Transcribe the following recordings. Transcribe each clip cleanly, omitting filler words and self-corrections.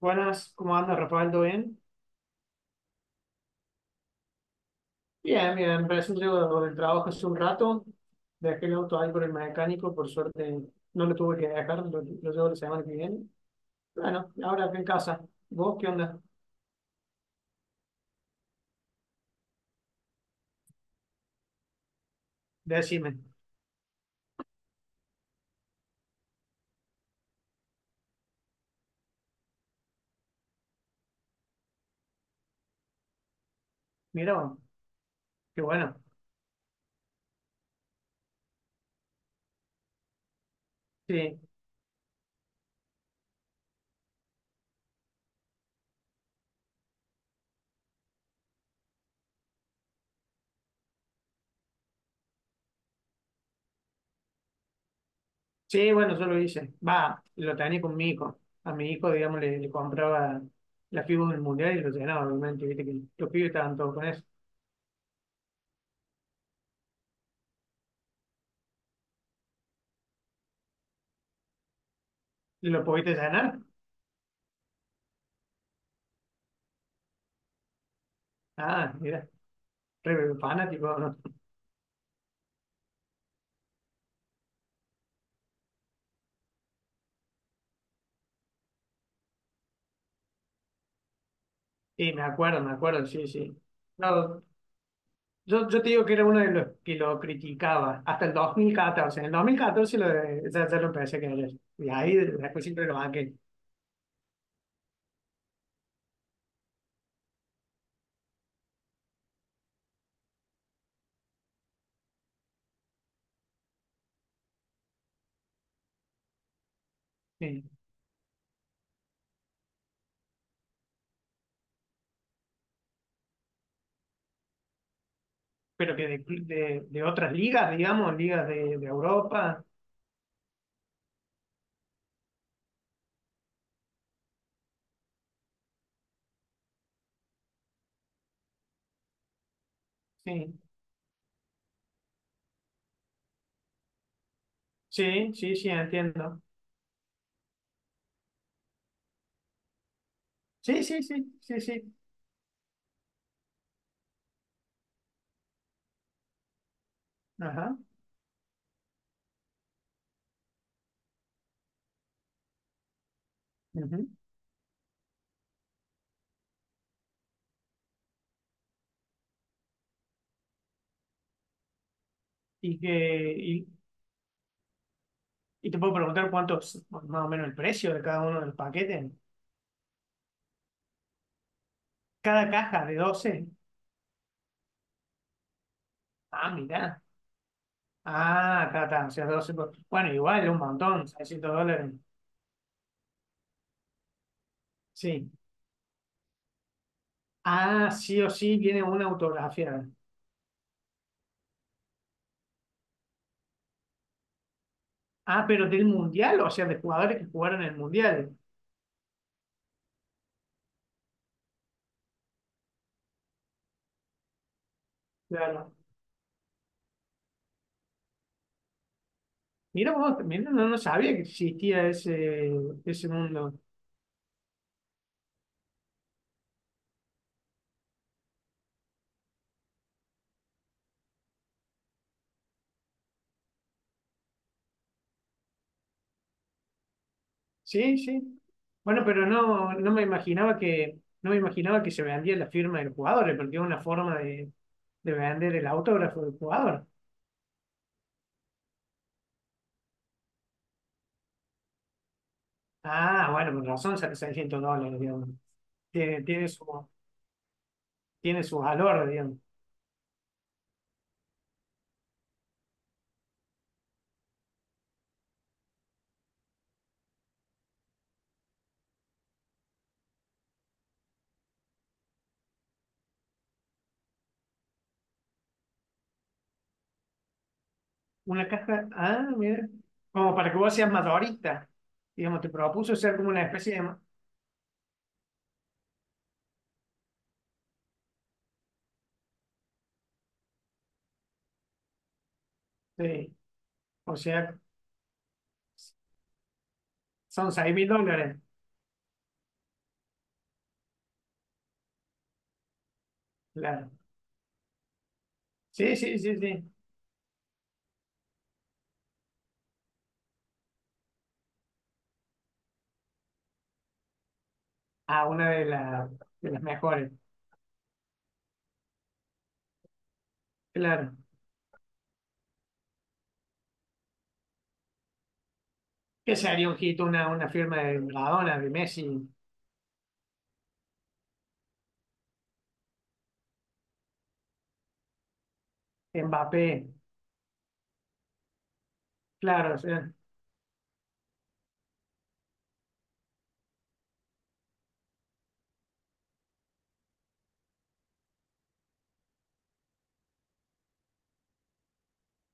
Buenas, ¿cómo anda Rafael? ¿Todo bien? Bien, bien, recién llego del trabajo hace un rato, dejé el auto ahí por el mecánico, por suerte no lo tuve que dejar, lo llevo la semana que viene. Bueno, ahora acá en casa. ¿Vos qué onda? Decime. Mira, vos, qué bueno. Sí, sí, bueno, yo lo hice. Va, lo tenía con mi hijo. A mi hijo, digamos, le compraba la fibra del mundial y lo llenaba, obviamente, viste que los pibes estaban todos con eso. ¿Lo pudiste llenar? Ah, mira, re fanático, ¿no? Sí, me acuerdo, sí, sí. No, yo te digo que era uno de los que lo criticaba hasta el 2014. En el 2014 ya lo empecé a querer. Y ahí después siempre lo banqué. Sí. Pero que de otras ligas, digamos, ligas de Europa. Sí, sí, sí, sí, entiendo. Sí, sí, sí, sí, sí. Ajá. Ujú. Y te puedo preguntar cuántos, más o menos el precio de cada uno de los paquetes. Cada caja de doce. Ah, mirá. Ah, está, está, o sea, 12, bueno, igual, un montón, 600 dólares. Sí. Ah, sí o sí viene una autografiada. Ah, pero del mundial, o sea, de jugadores que jugaron el mundial. Claro. Mira vos, mira, no, no sabía que existía ese mundo. Sí, sí. Bueno, pero no, no me imaginaba que se vendía la firma del jugador, porque es una forma de vender el autógrafo del jugador. Ah, bueno, con razón sale 600 dólares, digamos. Tiene, tiene su, tiene su valor, digamos. Una caja, ah, mira, como para que vos seas madurista, digamos, te propuso ser como una especie de, sí, o sea, son 6.000 dólares, claro. Sí, sí, sí, sí. Ah, una de, de las mejores, claro. ¿Qué sería un hit? Una firma de Maradona, de Messi, Mbappé, claro, o sea,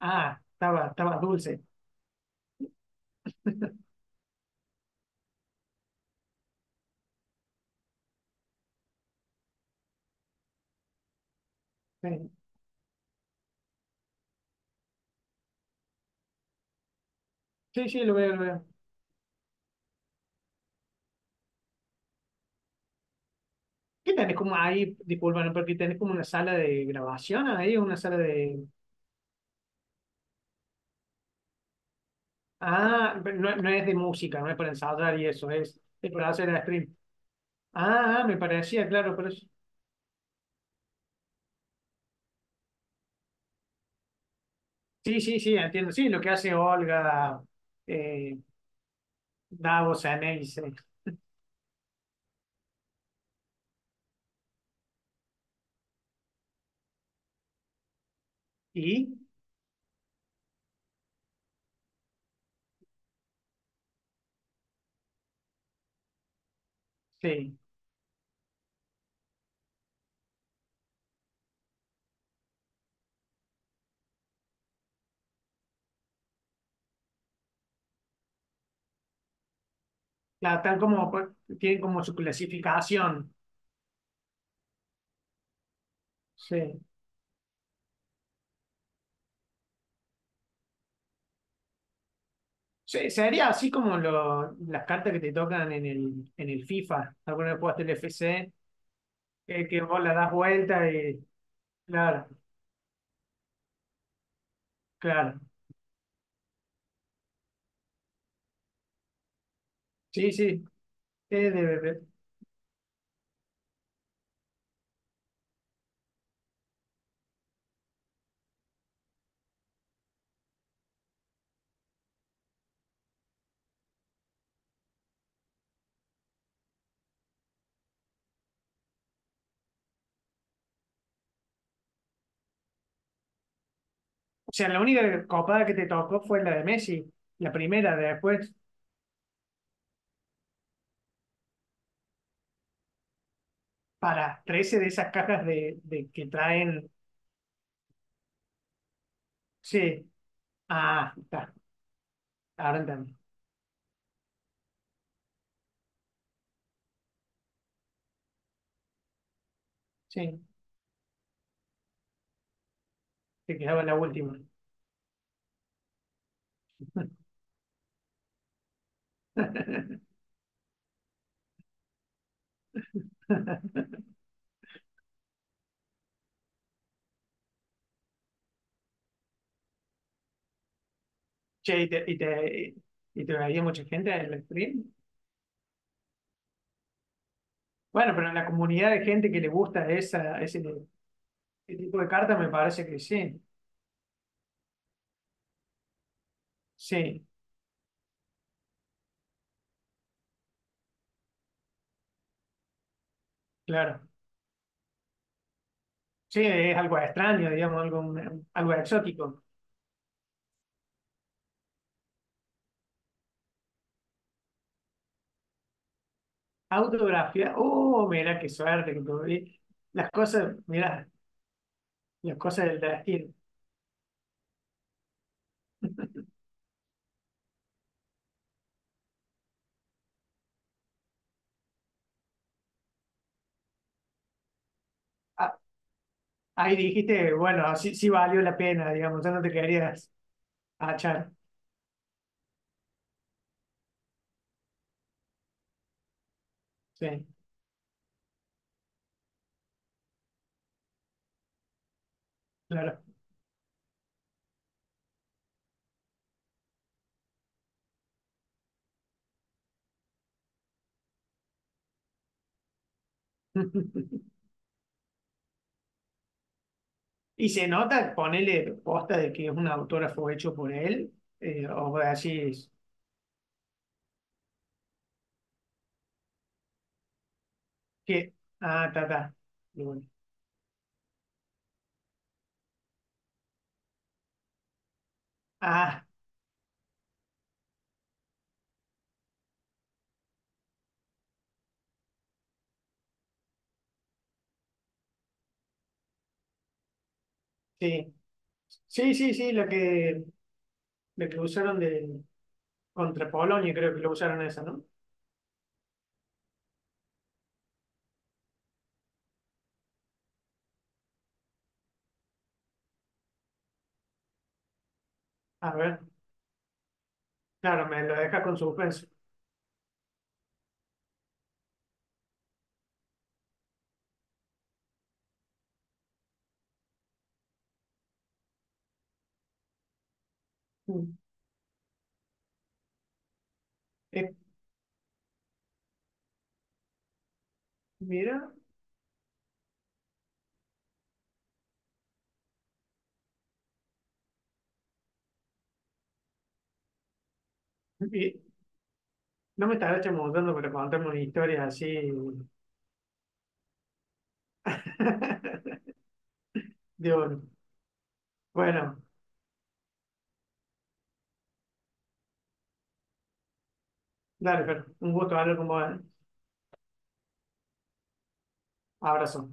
ah, estaba dulce. Sí, sí, sí, lo veo, lo veo. ¿Qué tenés como ahí, disculpa, ¿no? Porque tenés como una sala de grabación ahí, una sala de. Ah, pero no, no es de música, no es para ensayar y eso, es para hacer stream. Ah, ah, me parecía, claro, pero sí, sí, sí, entiendo. Sí, lo que hace Olga, eh, Davos, Ceneice. Y, sí, claro, están como, tienen como su clasificación. Sí. Sería así como las cartas que te tocan en el FIFA. Alguna vez jugaste el FC, que vos la das vuelta y, claro, claro. Sí, sí, es de. O sea, la única copada que te tocó fue la de Messi, la primera, de después para 13 de esas cajas de que traen. Sí, ah, está, ahora entendí. Sí, te quedaba la última. Che, y te veía mucha gente en el stream. Bueno, pero en la comunidad de gente que le gusta ese tipo de carta me parece que sí, sí, claro. Sí, es algo extraño, digamos, algo exótico. Autografía. Oh, mira qué suerte que tuve. Las cosas, mira, las cosas del destino. Ah, ahí dijiste, bueno, sí, sí valió la pena, digamos, ya no te querías achar. Sí, claro. Y se nota, ponele posta de que es un autógrafo hecho por él, o vos decís que, ah, ta, ta. Y bueno, ah, sí, sí, sí, sí, lo que usaron de, contra Polonia, creo que lo usaron esa, ¿no? A ver, claro, me lo deja con suspenso. Mm. Eh, mira, y no me estarás chamuzando para contarme una historia así de oro. Bueno, dale, pero un gusto hablar con vos. ¿Eh? Abrazo.